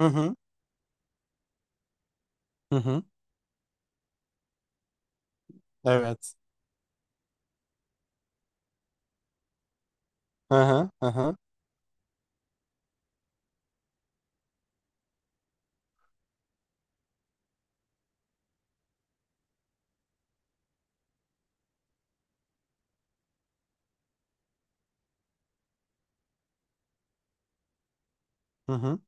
Hı hı. Hı hı. Evet. Hı hı. Hı hı. Hı hı.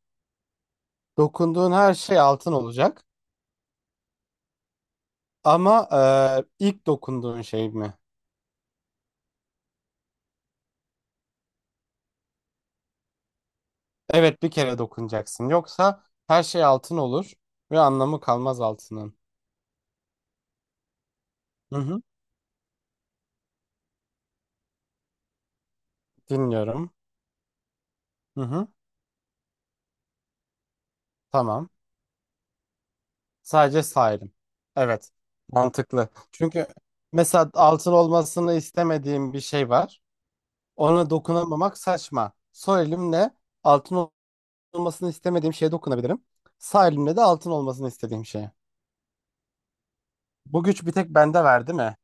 Dokunduğun her şey altın olacak. Ama ilk dokunduğun şey mi? Evet, bir kere dokunacaksın. Yoksa her şey altın olur ve anlamı kalmaz altının. Hı hı. Dinliyorum. Hı hı. Tamam. Sadece sahibim. Evet. Mantıklı. Çünkü mesela altın olmasını istemediğim bir şey var. Ona dokunamamak saçma. Sol elimle altın olmasını istemediğim şeye dokunabilirim. Sağ elimle de altın olmasını istediğim şeye. Bu güç bir tek bende var değil mi?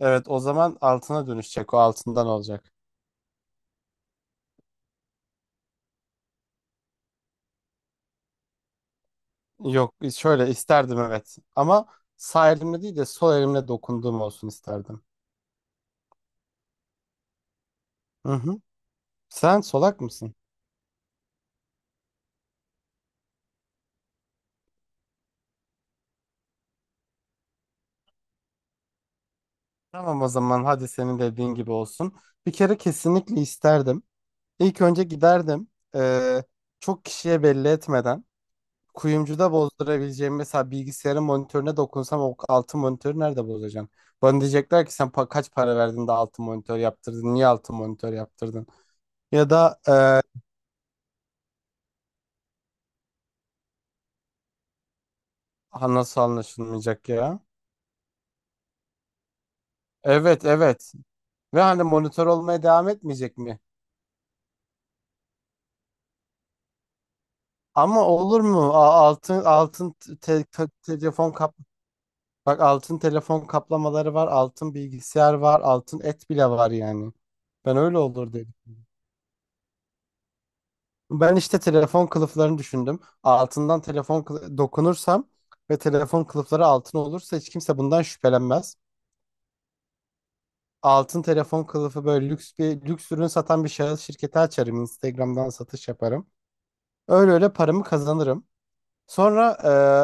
Evet, o zaman altına dönüşecek, o altından olacak. Yok, şöyle isterdim evet, ama sağ elimle değil de sol elimle dokunduğum olsun isterdim. Hı hı. Sen solak mısın? Tamam, o zaman hadi senin dediğin gibi olsun. Bir kere kesinlikle isterdim. İlk önce giderdim. Ee, çok kişiye belli etmeden. Kuyumcuda bozdurabileceğim mesela, bilgisayarın monitörüne dokunsam o altın monitörü nerede bozacağım? Bana diyecekler ki, sen kaç para verdin de altın monitör yaptırdın? Niye altın monitör yaptırdın? Ya da e, ha, nasıl anlaşılmayacak ya? Evet, evet. Ve hani monitör olmaya devam etmeyecek mi? Ama olur mu? A- altın altın te- te- telefon kap Bak, altın telefon kaplamaları var, altın bilgisayar var, altın et bile var yani. Ben öyle olur dedim. Ben işte telefon kılıflarını düşündüm. Dokunursam ve telefon kılıfları altın olursa hiç kimse bundan şüphelenmez. Altın telefon kılıfı böyle lüks bir, lüks ürün satan bir şahıs şirketi açarım. Instagram'dan satış yaparım. Öyle öyle paramı kazanırım. Sonra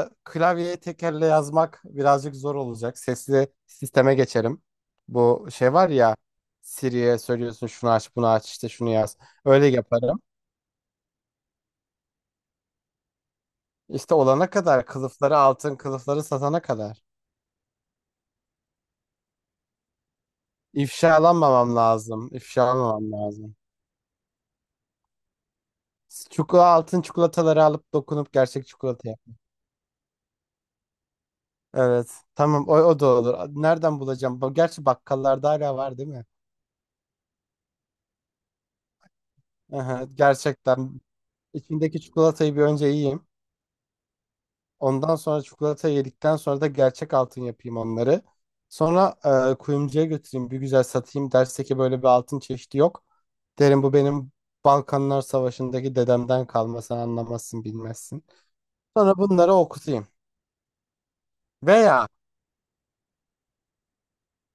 klavyeye tekerle yazmak birazcık zor olacak. Sesli sisteme geçerim. Bu şey var ya, Siri'ye söylüyorsun şunu aç, bunu aç, işte şunu yaz. Öyle yaparım. İşte olana kadar, altın kılıfları satana kadar. İfşalanmamam lazım. İfşalanmamam lazım. Çikolata, altın çikolataları alıp dokunup gerçek çikolata yap. Evet. Tamam, o da olur. Nereden bulacağım? Gerçi bakkallarda hala var değil mi? Aha, gerçekten. İçindeki çikolatayı bir önce yiyeyim. Ondan sonra, çikolatayı yedikten sonra da gerçek altın yapayım onları. Sonra kuyumcuya götüreyim. Bir güzel satayım. Derse ki böyle bir altın çeşidi yok. Derim bu benim Balkanlar Savaşı'ndaki dedemden kalma. Sen anlamazsın, bilmezsin. Sonra bunları okutayım. Veya,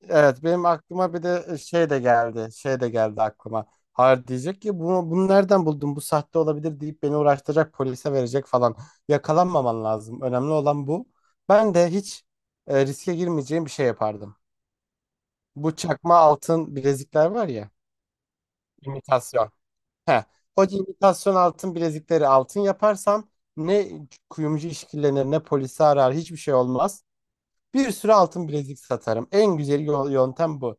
evet, benim aklıma bir de şey de geldi. Şey de geldi aklıma. Hayır diyecek ki, bunu nereden buldun? Bu sahte olabilir deyip beni uğraştıracak, polise verecek falan. Yakalanmaman lazım. Önemli olan bu. Ben de hiç riske girmeyeceğim bir şey yapardım. Bu çakma altın bilezikler var ya. İmitasyon. Heh. O imitasyon altın bilezikleri altın yaparsam, ne kuyumcu işkillenir ne polisi arar, hiçbir şey olmaz. Bir sürü altın bilezik satarım. En güzel yöntem bu.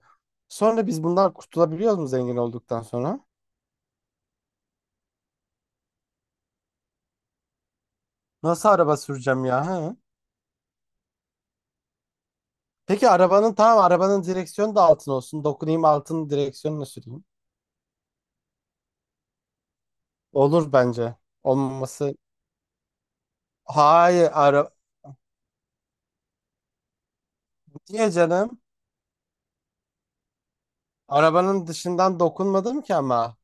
Sonra biz bundan kurtulabiliyor mu zengin olduktan sonra? Nasıl araba süreceğim ya? Ha? Peki arabanın, tamam, arabanın direksiyonu da altın olsun. Dokunayım, altın direksiyonunu süreyim. Olur bence. Olmaması. Hayır, niye canım? Arabanın dışından dokunmadım ki ama.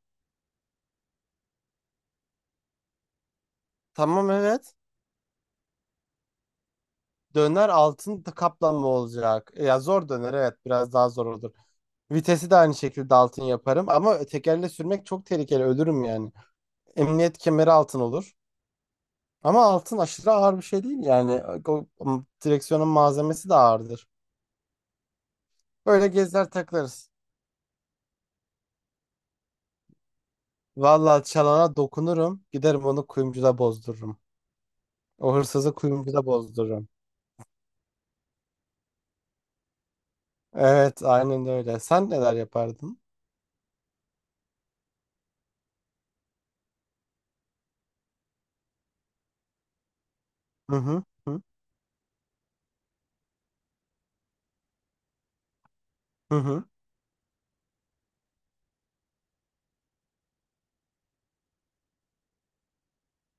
Tamam, evet. Döner, altın kaplama olacak. Ya zor döner, evet biraz daha zor olur. Vitesi de aynı şekilde altın yaparım, ama tekerle sürmek çok tehlikeli, ölürüm yani. Emniyet kemeri altın olur. Ama altın aşırı ağır bir şey değil yani. O direksiyonun malzemesi de ağırdır. Böyle gezer taklarız. Vallahi çalana dokunurum. Giderim, onu kuyumcuda bozdururum. O hırsızı kuyumcuda bozdururum. Evet, aynen öyle. Sen neler yapardın? Hı hı. Hı hı. Hı.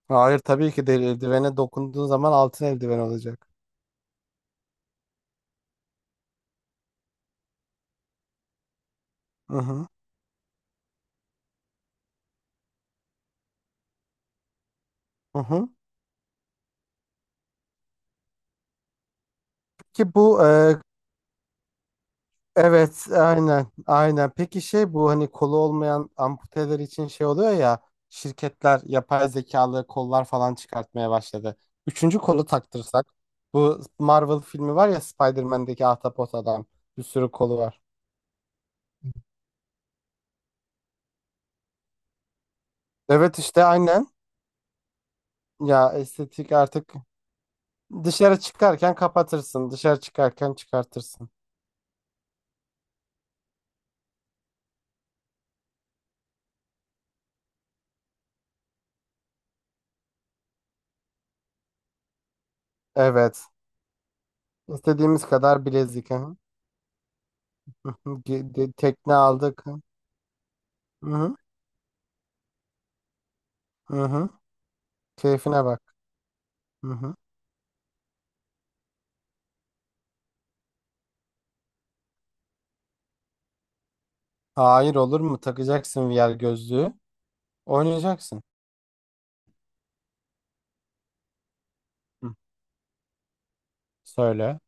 Hayır, tabii ki değil. Eldivene dokunduğun zaman altın eldiven olacak. Hı hı. Hı hı. Ki bu e, Evet, aynen, aynen. Peki şey, bu hani kolu olmayan amputeler için şey oluyor ya, şirketler yapay zekalı kollar falan çıkartmaya başladı. Üçüncü kolu taktırsak, bu Marvel filmi var ya, Spider-Man'deki Ahtapot adam, bir sürü kolu var. Evet işte aynen, ya estetik artık, dışarı çıkarken kapatırsın, dışarı çıkarken çıkartırsın. Evet. İstediğimiz kadar bilezik. Hı hı. Hı hı. Tekne aldık. Hı hı. Hı hı. Keyfine bak. Hı hı. Hayır, olur mu? Takacaksın VR gözlüğü. Oynayacaksın. Hı. Söyle.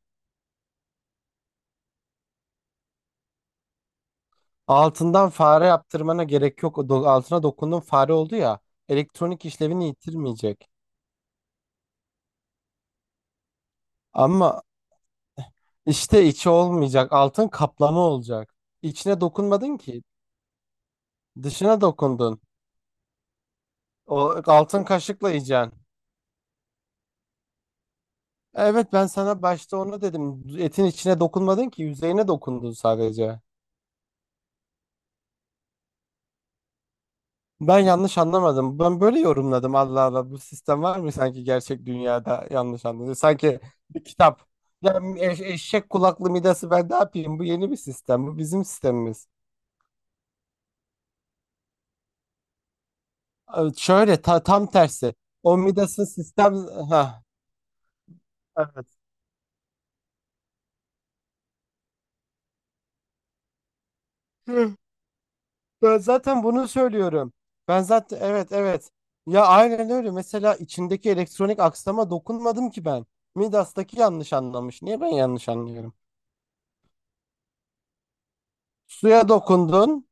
Altından fare yaptırmana gerek yok. Altına dokundun fare oldu ya. Elektronik işlevini yitirmeyecek. Ama işte içi olmayacak. Altın kaplama olacak. İçine dokunmadın ki. Dışına dokundun. O altın kaşıkla yiyeceksin. Evet, ben sana başta onu dedim. Etin içine dokunmadın ki, yüzeyine dokundun sadece. Ben yanlış anlamadım. Ben böyle yorumladım. Allah Allah, bu sistem var mı sanki gerçek dünyada, yanlış anladım. Sanki bir kitap. Ya, eşek kulaklı Midas'ı ben ne yapayım? Bu yeni bir sistem. Bu bizim sistemimiz. Şöyle tam tersi. O Midas'ın sistem... Ha, evet. Hı, Ben zaten bunu söylüyorum. Ben zaten, evet, evet. Ya aynen öyle. Mesela içindeki elektronik aksama dokunmadım ki ben. Midas'taki yanlış anlamış. Niye ben yanlış anlıyorum? Suya dokundun.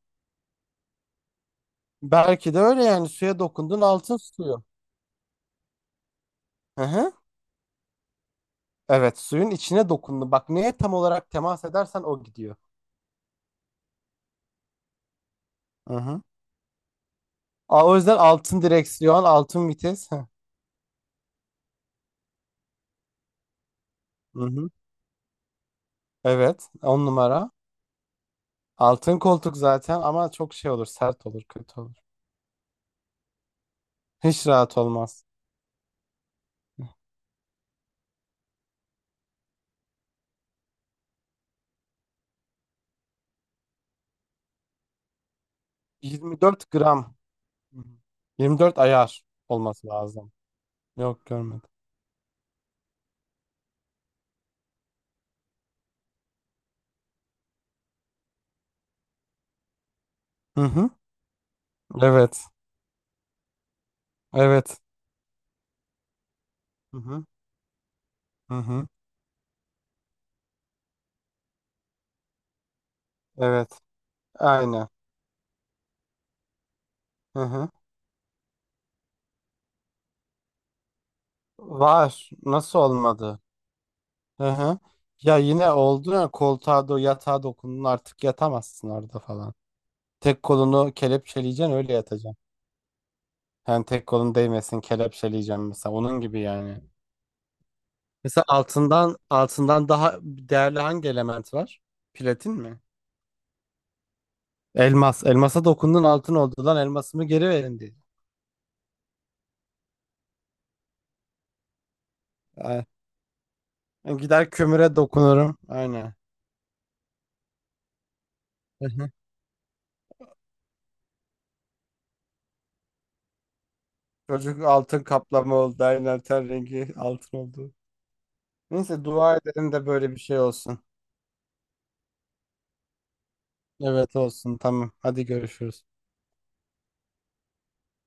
Belki de öyle yani, suya dokundun, altın suyu. Hı hı. Evet, suyun içine dokundun. Bak, neye tam olarak temas edersen o gidiyor. Hı hı. Aa, o yüzden altın direksiyon, altın vites. Hı hı. Hı. Evet, on numara. Altın koltuk zaten, ama çok şey olur, sert olur, kötü olur. Hiç rahat olmaz. 24 gram. Hı hı. 24 ayar olması lazım. Yok, görmedim. Hı hı. Evet. Evet. Hı hı. Hı hı. Evet. Aynen. Hı hı. Var. Nasıl olmadı? Hı hı. Ya yine oldu ya, koltuğa yatağa dokundun, artık yatamazsın orada falan. Tek kolunu kelepçeleyeceksin, öyle yatacaksın. Yani tek kolun değmesin kelepçeleyeceğim mesela, onun gibi yani. Mesela altından daha değerli hangi element var? Platin mi? Elmas. Elmasa dokundun altın oldu, lan elmasımı geri verin diye. Ay, ben gider kömüre dokunurum. Aynen. Hı hı. Çocuk altın kaplama oldu. Aynen, ten rengi altın oldu. Neyse, dua edelim de böyle bir şey olsun. Evet, olsun tamam. Hadi görüşürüz.